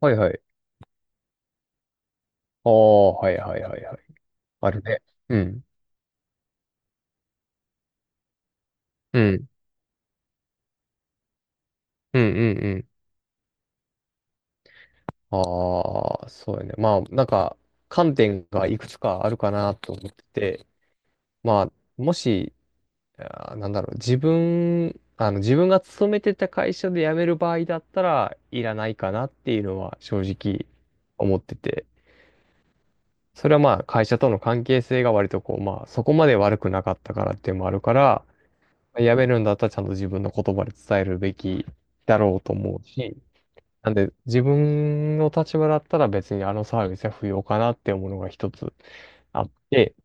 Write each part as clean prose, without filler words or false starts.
はいはい。ああ、はいはいはいはい。あるね。うん。うん。うんうんうん。ああ、そうやね。まあ、なんか、観点がいくつかあるかなと思ってて、まあ、もし、自分が勤めてた会社で辞める場合だったら、いらないかなっていうのは正直思ってて、それはまあ、会社との関係性が割とこう、まあ、そこまで悪くなかったからっていうのもあるから、やめるんだったらちゃんと自分の言葉で伝えるべきだろうと思うし、なんで自分の立場だったら別にあのサービスは不要かなって思うのが一つあって、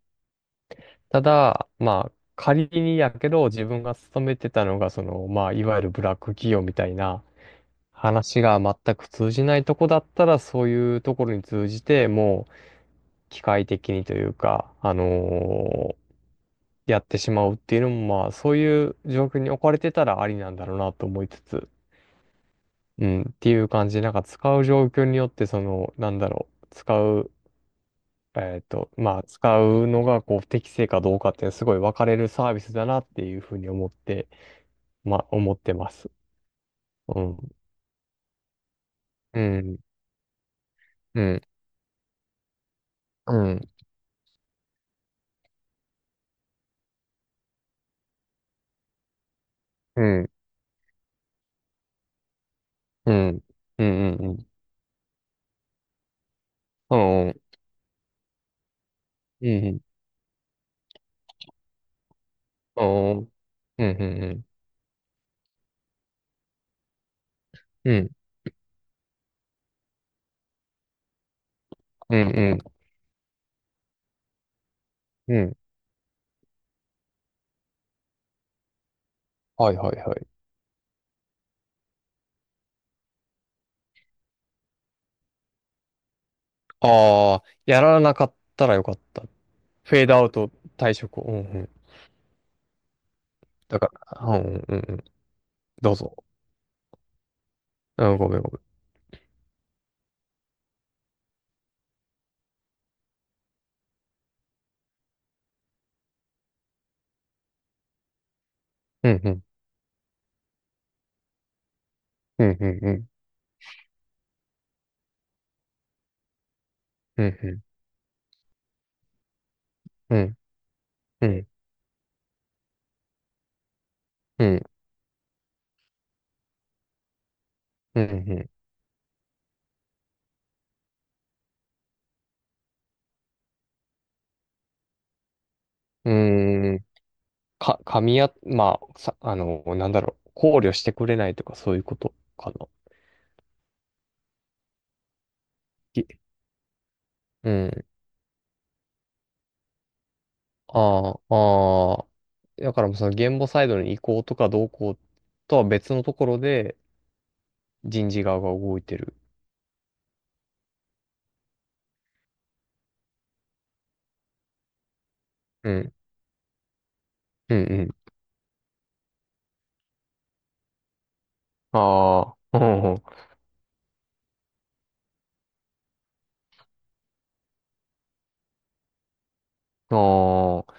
ただ、まあ仮にやけど自分が勤めてたのがその、まあいわゆるブラック企業みたいな話が全く通じないとこだったらそういうところに通じてもう機械的にというか、やってしまうっていうのもまあそういう状況に置かれてたらありなんだろうなと思いつつ、うん、っていう感じで、なんか使う状況によって、その、なんだろう、使う、まあ、使うのが、こう、適正かどうかって、すごい分かれるサービスだなっていうふうに思って、まあ、思ってます。うん。うん。うん。うん。うん。うん。うん。うん。うん。うん。うん。うん。うん。うん。うん。うん。うん。はいはいはい。ああ、やらなかったらよかった。フェードアウト退職を。うん。うん。だから、うん。うん。うん。どうぞ。うん、ごめんごめん。うん、うん、うん、うん、うん、うん、うん、うん、うん、うん、うん、うん、か、噛み合、まあ、さ、あの、なんだろう、考慮してくれないとかそういうことかな。ぎうん、ああ、ああ、だからもうその言語サイドの移行とかどうこうとは別のところで人事側が動いてる。うん、うん、うん。ああ、うん、ああ、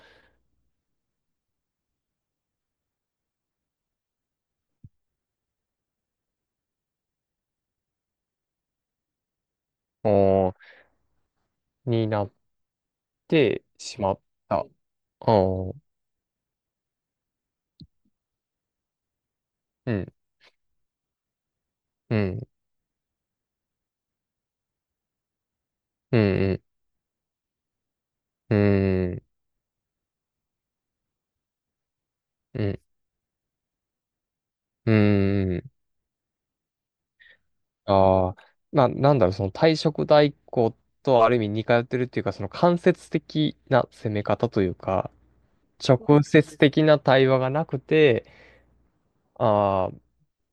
ああ、になってしまった。ああ、うん、うん、うん、うん、うん。うん。うーん。ああ。なんだろう、その退職代行とある意味似通ってるっていうか、その間接的な攻め方というか、直接的な対話がなくて、ああ、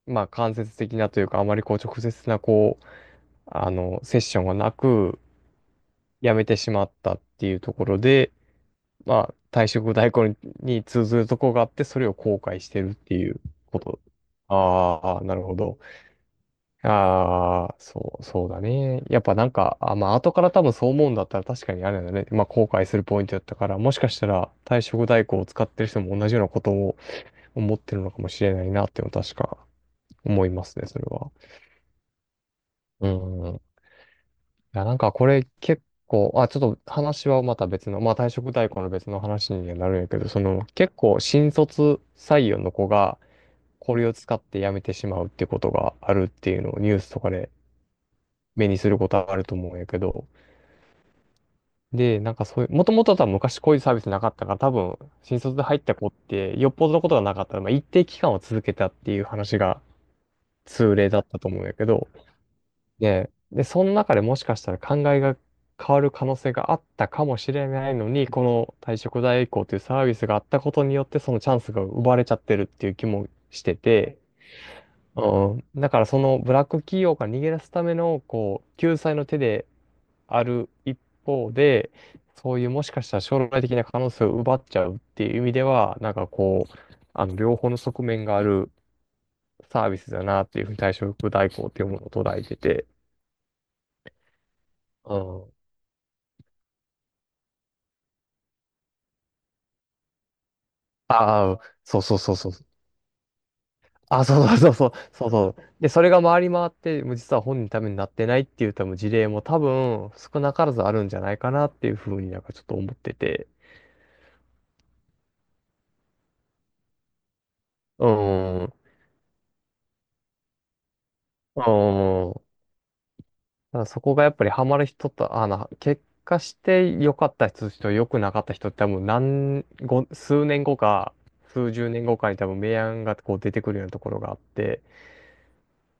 まあ間接的なというか、あまりこう直接なこう、セッションがなく、辞めてしまったっていうところで、まあ退職代行に、通ずるところがあって、それを後悔してるっていうこと。ああ、なるほど。ああ、そう、そうだね。やっぱなんか、まあ、後から多分そう思うんだったら確かにあれだね。まあ、後悔するポイントだったから、もしかしたら退職代行を使ってる人も同じようなことを思ってるのかもしれないなっていうのは確か思いますね、それは。うん。いや、なんかこれ結構、ちょっと話はまた別の、まあ、退職代行の別の話にはなるんやけど、その、結構新卒採用の子がこれを使って辞めてしまうってことがあるっていうのをニュースとかで目にすることはあると思うんやけど、で、なんかそういう、もともと多分昔こういうサービスなかったから、多分、新卒で入った子って、よっぽどのことがなかったら、まあ一定期間は続けたっていう話が通例だったと思うんやけど、で、その中でもしかしたら考えが変わる可能性があったかもしれないのに、この退職代行というサービスがあったことによって、そのチャンスが奪われちゃってるっていう気もしてて、うん、だからそのブラック企業から逃げ出すための、こう、救済の手で、ある一方で、そういうもしかしたら将来的な可能性を奪っちゃうっていう意味では、なんかこう、両方の側面があるサービスだなっていうふうに退職代行っていうものを捉えてて、うん。ああ、そうそうそうそう。そうそうそうそう。そうそう。で、それが回り回って、もう実は本人のためになってないっていう多分事例も多分少なからずあるんじゃないかなっていうふうになんかちょっと思ってて。うん。うん。だからそこがやっぱりハマる人と、結果して良かった人と良くなかった人って多分数年後か、数十年後かに多分明暗がこう出てくるようなところがあって、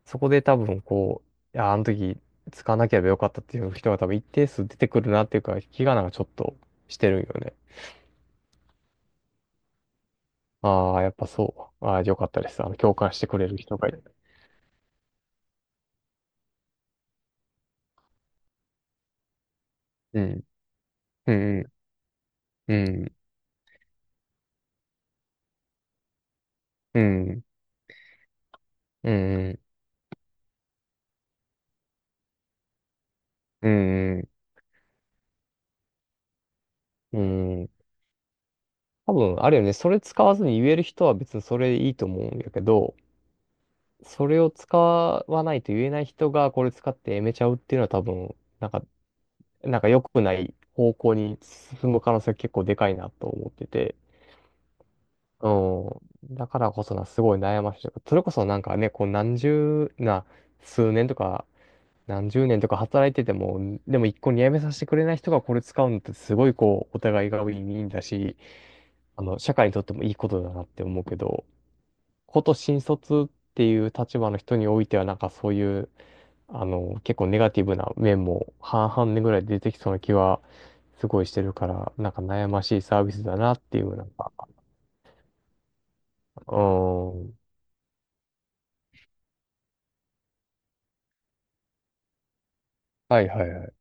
そこで多分こう、いや、あの時使わなければよかったっていう人が多分一定数出てくるなっていうか、気がなんかちょっとしてるんよね。ああ、やっぱそう。ああ、よかったです。共感してくれる人がいて。うん。うんうん。うん。うん。うん。うん。うん。うん。多分、あるよね。それ使わずに言える人は別にそれでいいと思うんやけど、それを使わないと言えない人がこれ使ってやめちゃうっていうのは多分、なんか、なんか良くない方向に進む可能性が結構でかいなと思ってて。うん。だからこそな、すごい悩ましい。それこそなんかね、こう何十な、数年とか、何十年とか働いてても、でも一個にやめさせてくれない人がこれ使うのってすごいこう、お互いがウィンウィンだし、社会にとってもいいことだなって思うけど、こと新卒っていう立場の人においては、なんかそういう、結構ネガティブな面も半々でぐらい出てきそうな気はすごいしてるから、なんか悩ましいサービスだなっていう、なんか、うーん。はいはいはい。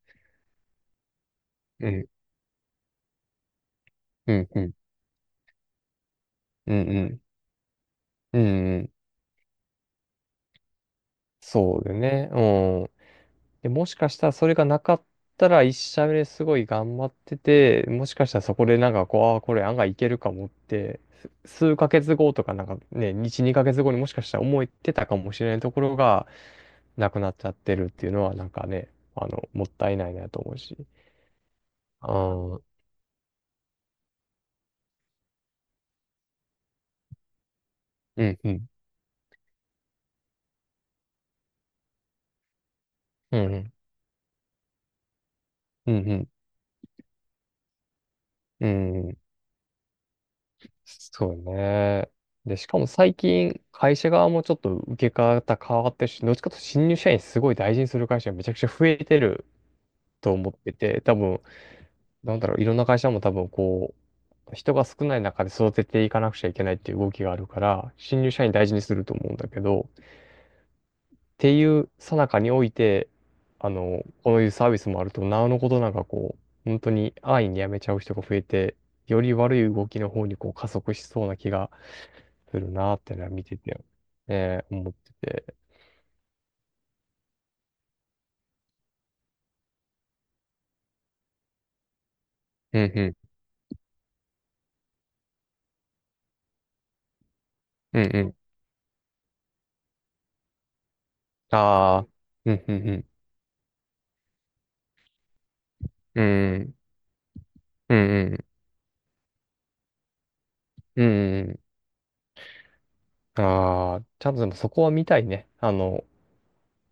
うん、うん、うん、うん、うん、うん、うんそうだよね。で、もしかしたらそれがなかったら一社目ですごい頑張ってて、もしかしたらそこでなんかこう、ああ、これ案外いけるかもって、数ヶ月後とかなんかね、1、2ヶ月後にもしかしたら思ってたかもしれないところがなくなっちゃってるっていうのはなんかね、もったいないなと思うし。ああ、うんうん、うんうん、うん、うん、うん、そうね。で、しかも最近、会社側もちょっと受け方変わってるし、どっちかというと新入社員すごい大事にする会社がめちゃくちゃ増えてると思ってて、多分、なんだろう、いろんな会社も多分こう、人が少ない中で育てていかなくちゃいけないっていう動きがあるから、新入社員大事にすると思うんだけど、っていう最中において、こういうサービスもあると、なおのことなんかこう、本当に安易に辞めちゃう人が増えて、より悪い動きの方にこう加速しそうな気がするなーってのは見てて、ね、思ってて。うんうん、うんうん。ああ、うんうんうん。うんうん、うんうん、うんうん。ああ、ちゃんとでもそこは見たいね。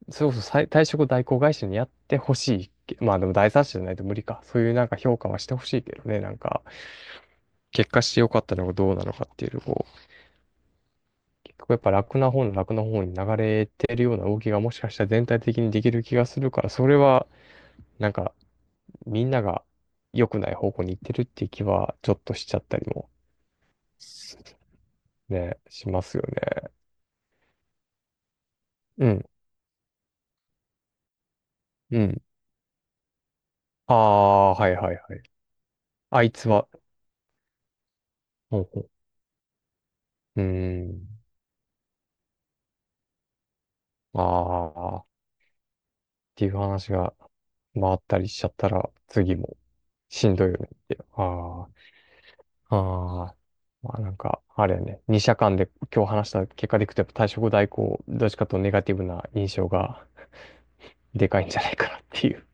それこそ再退職代行会社にやってほしいけ。まあでも第三者じゃないと無理か。そういうなんか評価はしてほしいけどね。なんか、結果してよかったのかどうなのかっていうのを、結局やっぱ楽な方の楽な方に流れてるような動きがもしかしたら全体的にできる気がするから、それはなんかみんなが良くない方向に行ってるっていう気はちょっとしちゃったりもね、しますよね。うん、うん。ああ、はいはいはい。あいつは、ほううん。ああ、っていう話が回ったりしちゃったら、次もしんどいよねって。ああ、ああ。まあなんか、あれやね、二者間で今日話した結果でいくと、やっぱ退職代行、どっちかというとネガティブな印象がでかいんじゃないかなっていう